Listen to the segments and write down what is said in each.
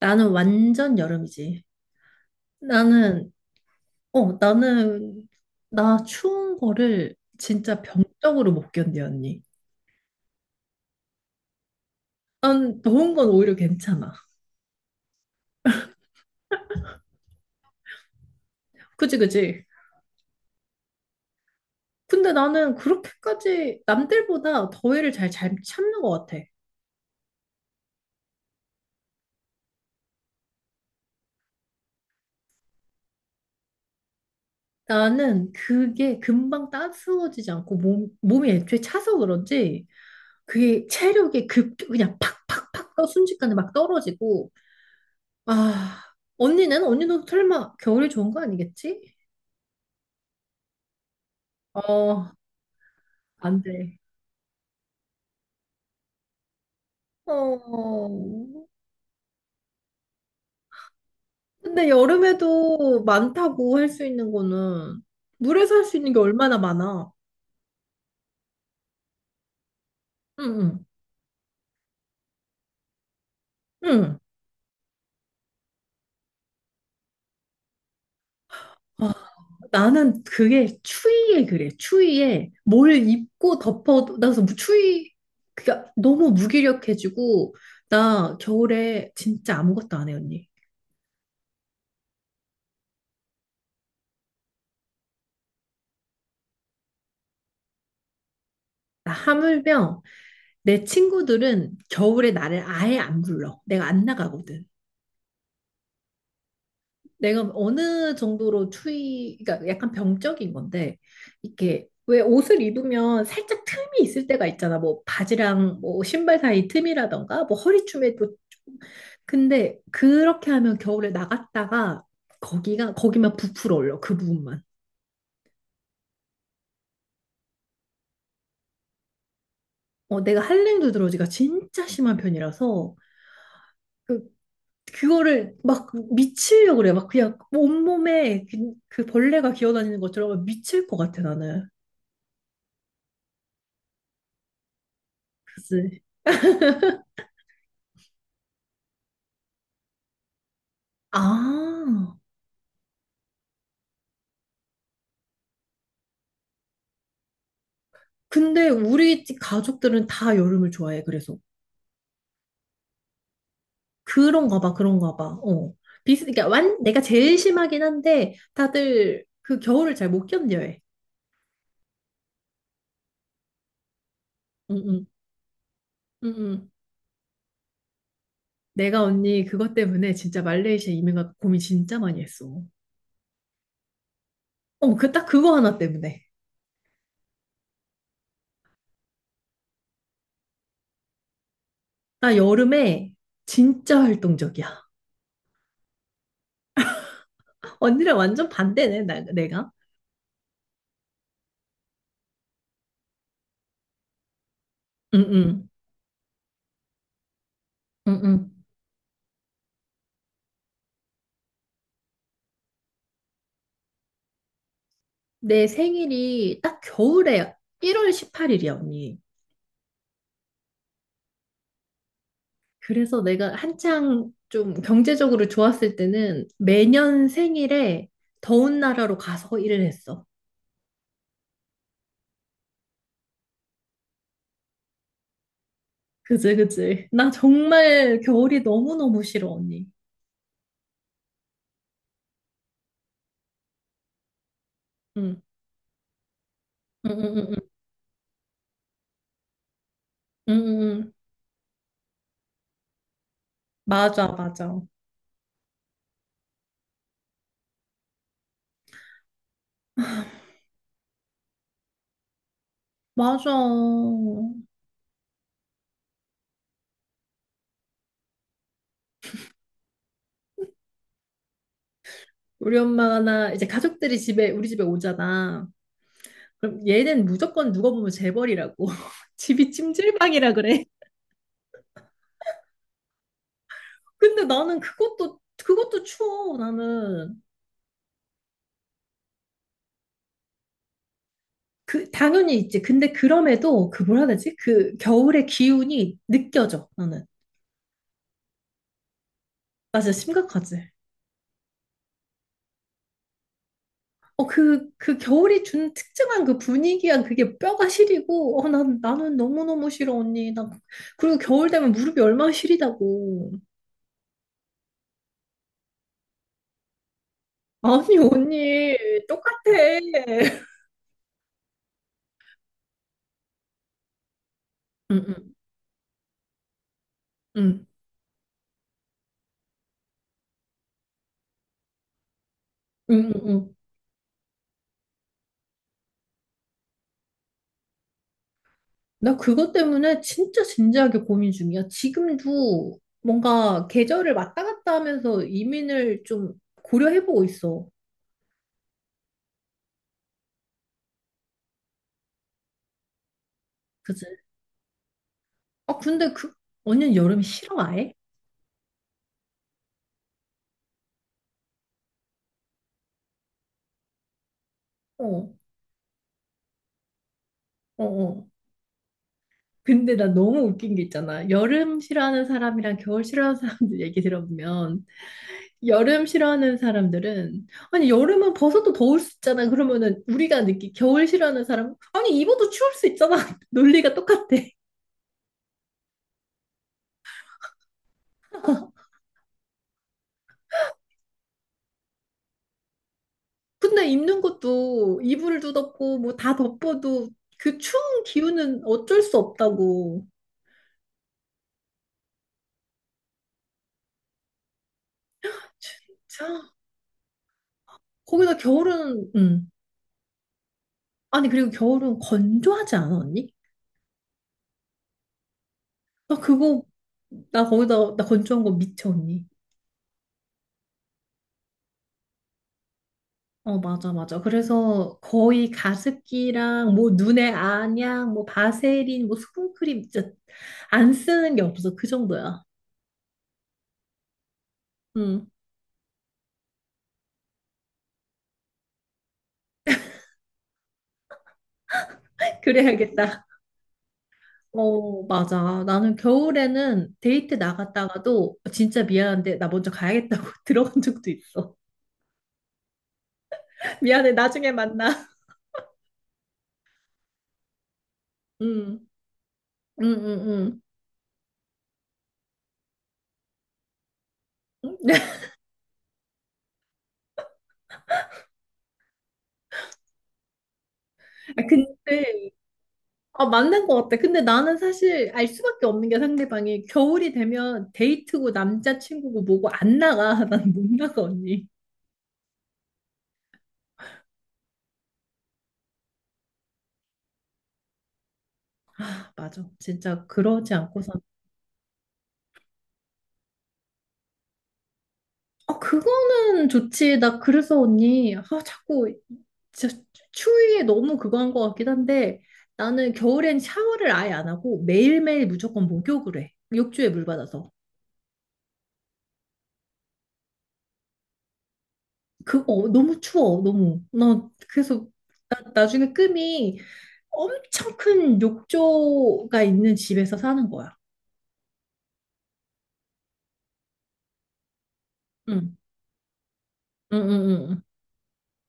나는 완전 여름이지. 나는, 어, 나는, 나 추운 거를 진짜 병적으로 못 견뎌, 언니. 난 더운 건 오히려 괜찮아. 그지, 그지? 근데 나는 그렇게까지 남들보다 더위를 잘, 잘 참는 것 같아. 나는 그게 금방 따스워지지 않고 몸, 몸이 애초에 차서 그런지 그게 체력이 급, 그냥 팍팍팍 떠 순식간에 막 떨어지고. 아, 언니는? 언니도 설마 겨울이 좋은 거 아니겠지? 어, 안 돼. 어, 근데 여름에도 많다고 할 수 있는 거는 물에서 할 수 있는 게 얼마나 많아. 응, 응, 응. 아, 나는 그게 추위에 그래. 추위에 뭘 입고 덮어도, 나 그래서 추위, 그니까 너무 무기력해지고, 나 겨울에 진짜 아무것도 안 해, 언니. 나 하물며 내 친구들은 겨울에 나를 아예 안 불러. 내가 안 나가거든. 내가 어느 정도로 추위, 그러니까 약간 병적인 건데, 이렇게 왜 옷을 입으면 살짝 틈이 있을 때가 있잖아. 뭐 바지랑 뭐 신발 사이 틈이라던가, 뭐 허리춤에 또. 좀- 근데 그렇게 하면 겨울에 나갔다가 거기가, 거기만 부풀어 올려. 그 부분만. 어, 내가 한랭 두드러지가 진짜 심한 편이라서 그, 그거를 막 미치려고 그래. 막 그냥 온몸에 그, 그 벌레가 기어다니는 것처럼 미칠 것 같아, 나는. 그치. 아. 근데 우리 집 가족들은 다 여름을 좋아해. 그래서 그런가 봐, 그런가 봐. 어. 비슷, 그러니까 완 내가 제일 심하긴 한데 다들 그 겨울을 잘 못 견뎌해. 응응, 응응. 내가 언니 그것 때문에 진짜 말레이시아 이민 가 고민 진짜 많이 했어. 어, 그 딱 그거 하나 때문에. 나 여름에 진짜 활동적이야. 언니랑 완전 반대네, 나, 내가. 응응, 응응. 내 생일이 딱 겨울에 1월 18일이야, 언니. 그래서 내가 한창 좀 경제적으로 좋았을 때는 매년 생일에 더운 나라로 가서 일을 했어. 그지, 그지. 나 정말 겨울이 너무너무 싫어, 언니. 응, 응, 응, 응, 응, 응. 응. 응. 맞아, 맞아. 맞아. 우리 엄마가 나 이제 가족들이 집에, 우리 집에 오잖아. 그럼 얘는 무조건 누가 보면 재벌이라고. 집이 찜질방이라 그래. 근데 나는 그것도, 그것도 추워, 나는. 그 당연히 있지. 근데 그럼에도 그 뭐라 해야 되지? 그 겨울의 기운이 느껴져. 나는. 나 진짜 심각하지. 어, 그, 그 겨울이 준 특정한 그 분위기한 그게 뼈가 시리고, 어, 난, 나는 너무너무 싫어, 언니. 난, 그리고 겨울 되면 무릎이 얼마나 시리다고. 아니, 언니, 똑같아. 응, 응, 응, 응, 응. 응. 나 그것 때문에 진짜 진지하게 고민 중이야. 지금도 뭔가 계절을 왔다 갔다 하면서 이민을 좀 고려해보고 있어. 그지? 어, 근데 그, 언니는 여름 싫어, 아예? 어, 어, 어. 근데 나 너무 웃긴 게 있잖아. 여름 싫어하는 사람이랑 겨울 싫어하는 사람들 얘기 들어보면, 여름 싫어하는 사람들은, 아니, 여름은 벗어도 더울 수 있잖아. 그러면은 우리가 느끼, 겨울 싫어하는 사람, 아니, 입어도 추울 수 있잖아. 논리가 똑같아. 근데 입는 것도 이불도 덮고, 뭐 다 덮어도 그 추운 기운은 어쩔 수 없다고. 진짜? 거기다 겨울은, 아니, 그리고 겨울은 건조하지 않아, 언니? 나 그거, 나 거기다, 나 건조한 거 미쳐, 언니. 어, 맞아, 맞아. 그래서 거의 가습기랑 뭐 눈에 안약, 뭐 바세린, 뭐 수분크림, 진짜 안 쓰는 게 없어. 그 정도야. 응. 그래야겠다. 어, 맞아. 나는 겨울에는 데이트 나갔다가도 진짜 미안한데 나 먼저 가야겠다고 들어간 적도 있어. 미안해. 나중에 만나. 응, 응, 응, 응. 아, 근데 아, 맞는 것 같아. 근데 나는 사실 알 수밖에 없는 게 상대방이 겨울이 되면 데이트고 남자친구고 뭐고 안 나가. 난 못 나가, 언니. 아, 맞아. 진짜 그러지 않고선. 아, 그거는 좋지. 나 그래서 언니. 아, 자꾸 진짜 추위에 너무 그거 한 것 같긴 한데 나는 겨울엔 샤워를 아예 안 하고 매일매일 무조건 목욕을 해. 욕조에 물 받아서. 그, 어, 너무 추워, 너무. 나, 그래서, 나, 나중에 꿈이 엄청 큰 욕조가 있는 집에서 사는 거야. 응, 응, 응, 응,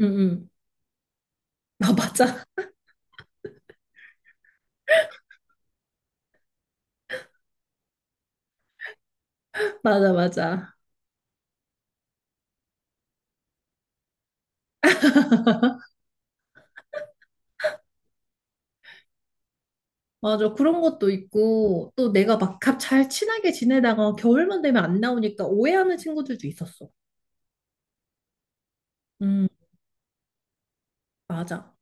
응, 응. 응. 아, 맞아. 맞아, 맞아. 맞아. 그런 것도 있고, 또 내가 막 잘 친하게 지내다가 겨울만 되면 안 나오니까 오해하는 친구들도 있었어. 응, 맞아.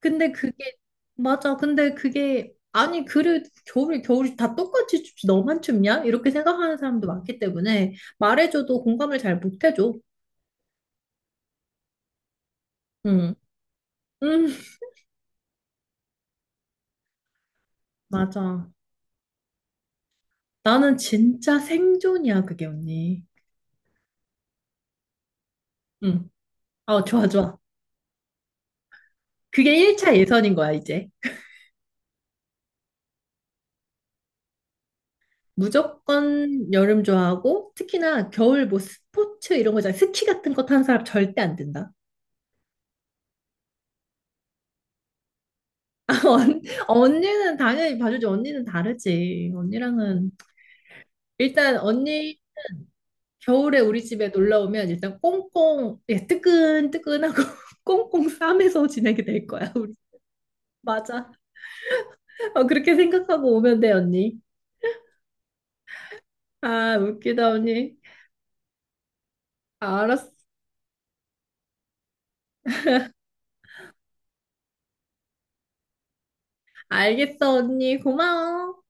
근데 그게 맞아. 근데 그게 아니 그래 겨울이 다 똑같이 춥지 너만 춥냐? 이렇게 생각하는 사람도 많기 때문에 말해줘도 공감을 잘 못해줘. 응, 응, 맞아. 나는 진짜 생존이야 그게 언니. 응, 어 좋아 좋아. 그게 1차 예선인 거야 이제. 무조건 여름 좋아하고 특히나 겨울 뭐 스포츠 이런 거잖아. 스키 같은 거 타는 사람 절대 안 된다. 언- 언니는 당연히 봐주지. 언니는 다르지. 언니랑은 일단 언니 겨울에 우리 집에 놀러 오면 일단 꽁꽁 예, 뜨끈뜨끈하고 꽁꽁 싸매서 지내게 될 거야. 우리 맞아. 어, 그렇게 생각하고 오면 돼, 언니. 아, 웃기다, 언니. 알았어. 알겠어, 언니. 고마워.